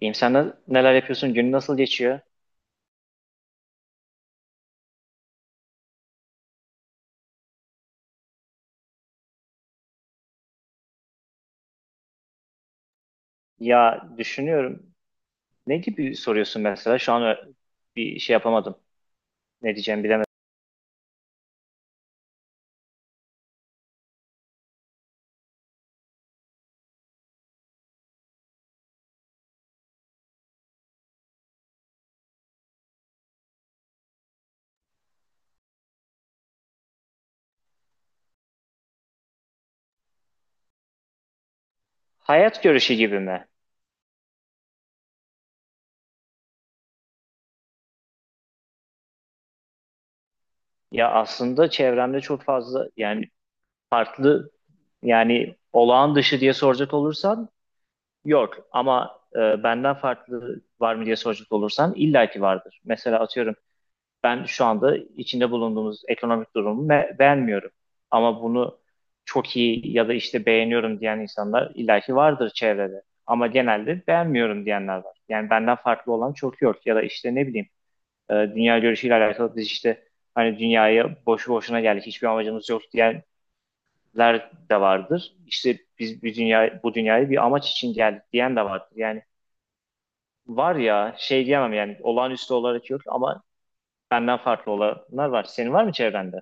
İyiyim, sen neler yapıyorsun? Günün nasıl geçiyor? Ya düşünüyorum. Ne gibi soruyorsun mesela? Şu an bir şey yapamadım. Ne diyeceğimi bilemedim. Hayat görüşü gibi mi? Ya aslında çevremde çok fazla, yani farklı, yani olağan dışı diye soracak olursan yok. Ama benden farklı var mı diye soracak olursan illaki vardır. Mesela atıyorum ben şu anda içinde bulunduğumuz ekonomik durumu beğenmiyorum. Ama bunu çok iyi ya da işte beğeniyorum diyen insanlar illaki vardır çevrede. Ama genelde beğenmiyorum diyenler var. Yani benden farklı olan çok yok. Ya da işte ne bileyim, dünya görüşüyle alakalı biz işte hani dünyaya boşu boşuna geldik, hiçbir amacımız yok diyenler de vardır. İşte biz bir dünya, bu dünyaya bir amaç için geldik diyen de vardır. Yani var ya, şey diyemem yani, olağanüstü olarak yok ama benden farklı olanlar var. Senin var mı çevrende?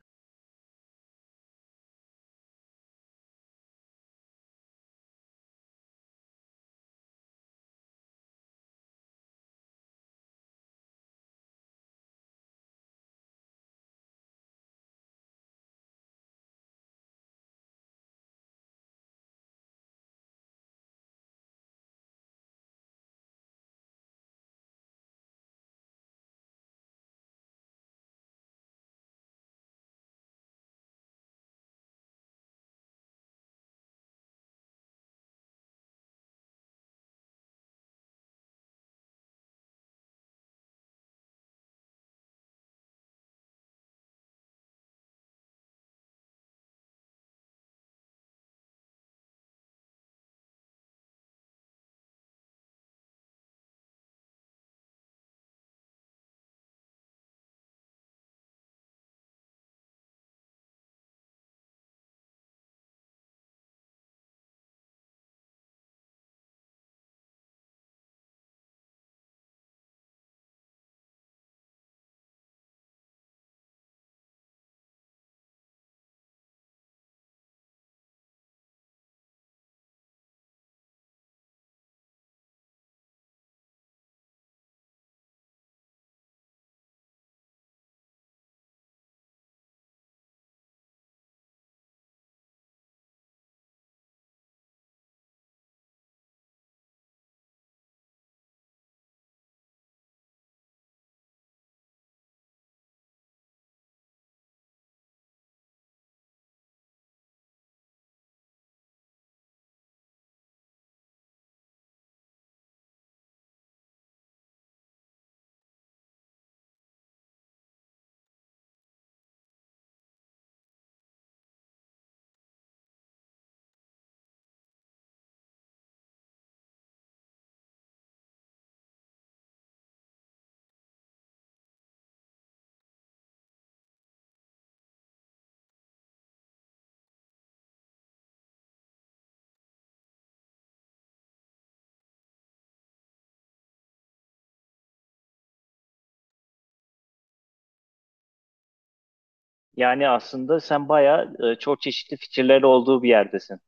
Yani aslında sen bayağı çok çeşitli fikirleri olduğu bir yerdesin.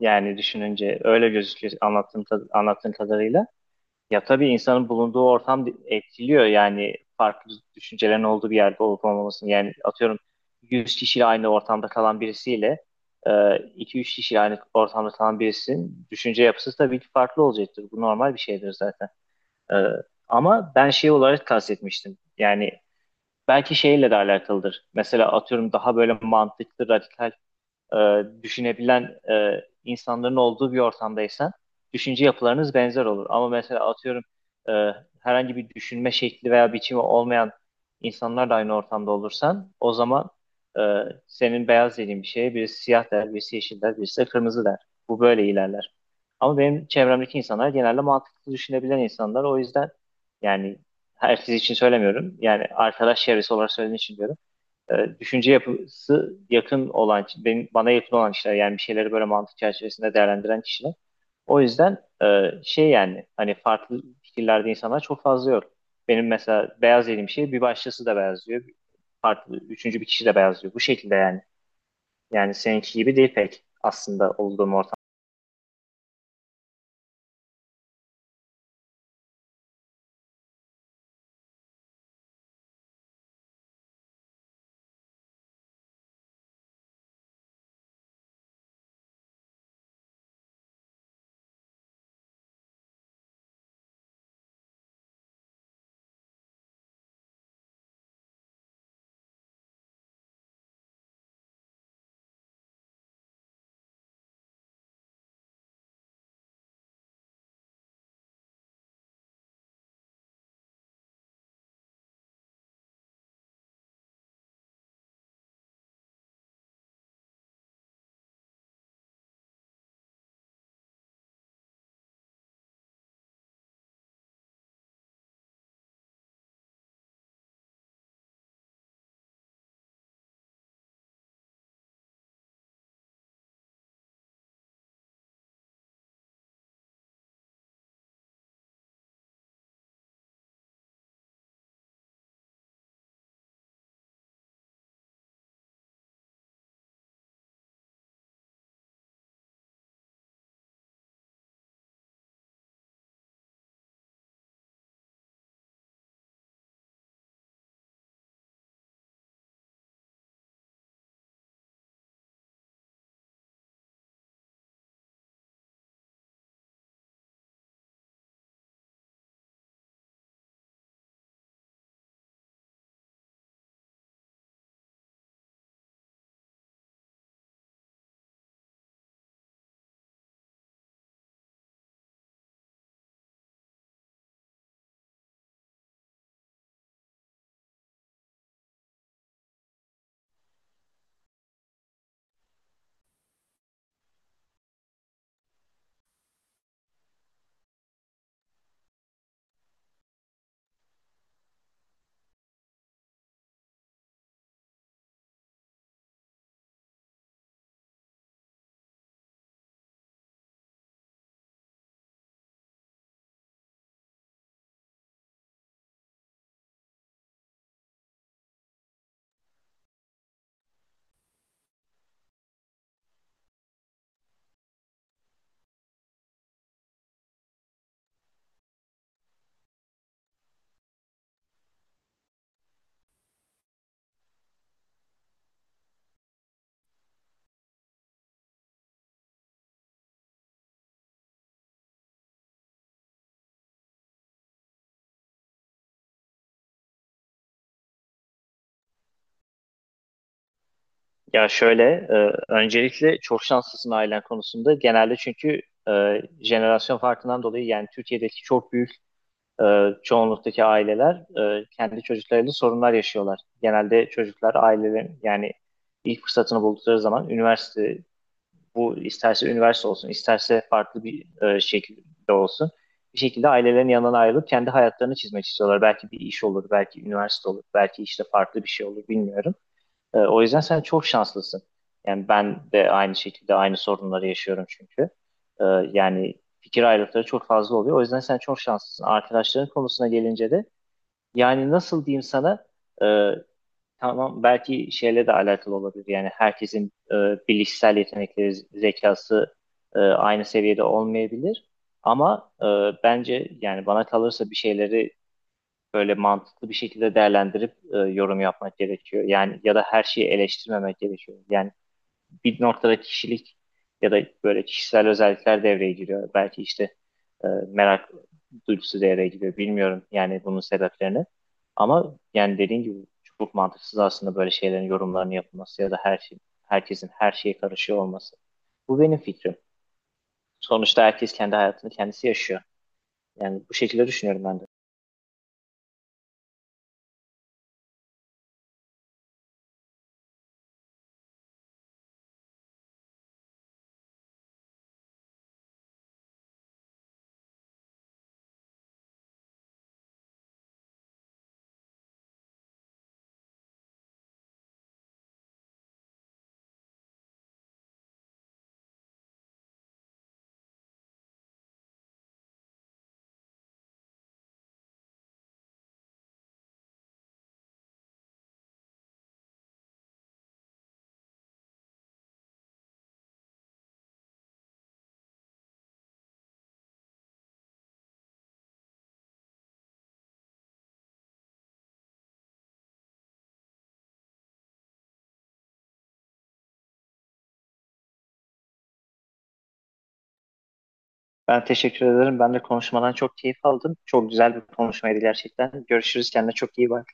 Yani düşününce öyle gözüküyor anlattığın, anlattığın kadarıyla. Ya tabii insanın bulunduğu ortam etkiliyor, yani farklı düşüncelerin olduğu bir yerde olup olmamasını. Yani atıyorum 100 kişiyle aynı ortamda kalan birisiyle e, 2-3 kişiyle aynı ortamda kalan birisinin düşünce yapısı tabii ki farklı olacaktır. Bu normal bir şeydir zaten. E, Ama ben şey olarak kastetmiştim. Yani belki şeyle de alakalıdır. Mesela atıyorum daha böyle mantıklı, radikal, e, düşünebilen insanların olduğu bir ortamdaysan düşünce yapılarınız benzer olur. Ama mesela atıyorum e, herhangi bir düşünme şekli veya biçimi olmayan insanlarla aynı ortamda olursan o zaman e, senin beyaz dediğin bir şeye birisi siyah der, birisi yeşil der, birisi de kırmızı der. Bu böyle ilerler. Ama benim çevremdeki insanlar genelde mantıklı düşünebilen insanlar. O yüzden, yani herkes için söylemiyorum. Yani arkadaş çevresi olarak söylediğim için diyorum, düşünce yapısı yakın olan, benim, bana yakın olan kişiler, yani bir şeyleri böyle mantık çerçevesinde değerlendiren kişiler. O yüzden şey yani hani farklı fikirlerde insanlar çok fazla yok. Benim mesela beyaz dediğim şey bir başkası da beyaz diyor. Farklı, üçüncü bir kişi de beyaz diyor. Bu şekilde yani. Yani seninki gibi değil pek aslında olduğum ortam. Ya şöyle, öncelikle çok şanslısın ailen konusunda. Genelde çünkü jenerasyon farkından dolayı yani Türkiye'deki çok büyük, e, çoğunluktaki aileler kendi çocuklarıyla sorunlar yaşıyorlar. Genelde çocuklar ailelerin yani ilk fırsatını buldukları zaman üniversite, bu isterse üniversite olsun isterse farklı bir şekilde olsun, bir şekilde ailelerin yanından ayrılıp kendi hayatlarını çizmek istiyorlar. Belki bir iş olur, belki üniversite olur, belki işte farklı bir şey olur bilmiyorum. O yüzden sen çok şanslısın. Yani ben de aynı şekilde aynı sorunları yaşıyorum çünkü. E, Yani fikir ayrılıkları çok fazla oluyor. O yüzden sen çok şanslısın. Arkadaşların konusuna gelince de yani nasıl diyeyim sana, e, tamam belki şeyle de alakalı olabilir. Yani herkesin bilişsel yetenekleri, zekası aynı seviyede olmayabilir. Ama bence yani bana kalırsa bir şeyleri böyle mantıklı bir şekilde değerlendirip yorum yapmak gerekiyor. Yani ya da her şeyi eleştirmemek gerekiyor. Yani bir noktada kişilik ya da böyle kişisel özellikler devreye giriyor. Belki işte merak duygusu devreye giriyor. Bilmiyorum yani bunun sebeplerini. Ama yani dediğim gibi çok mantıksız aslında böyle şeylerin yorumlarını yapılması ya da her şey, herkesin her şeye karışıyor olması. Bu benim fikrim. Sonuçta herkes kendi hayatını kendisi yaşıyor. Yani bu şekilde düşünüyorum ben de. Ben teşekkür ederim. Ben de konuşmadan çok keyif aldım. Çok güzel bir konuşmaydı gerçekten. Görüşürüz. Kendine çok iyi bak.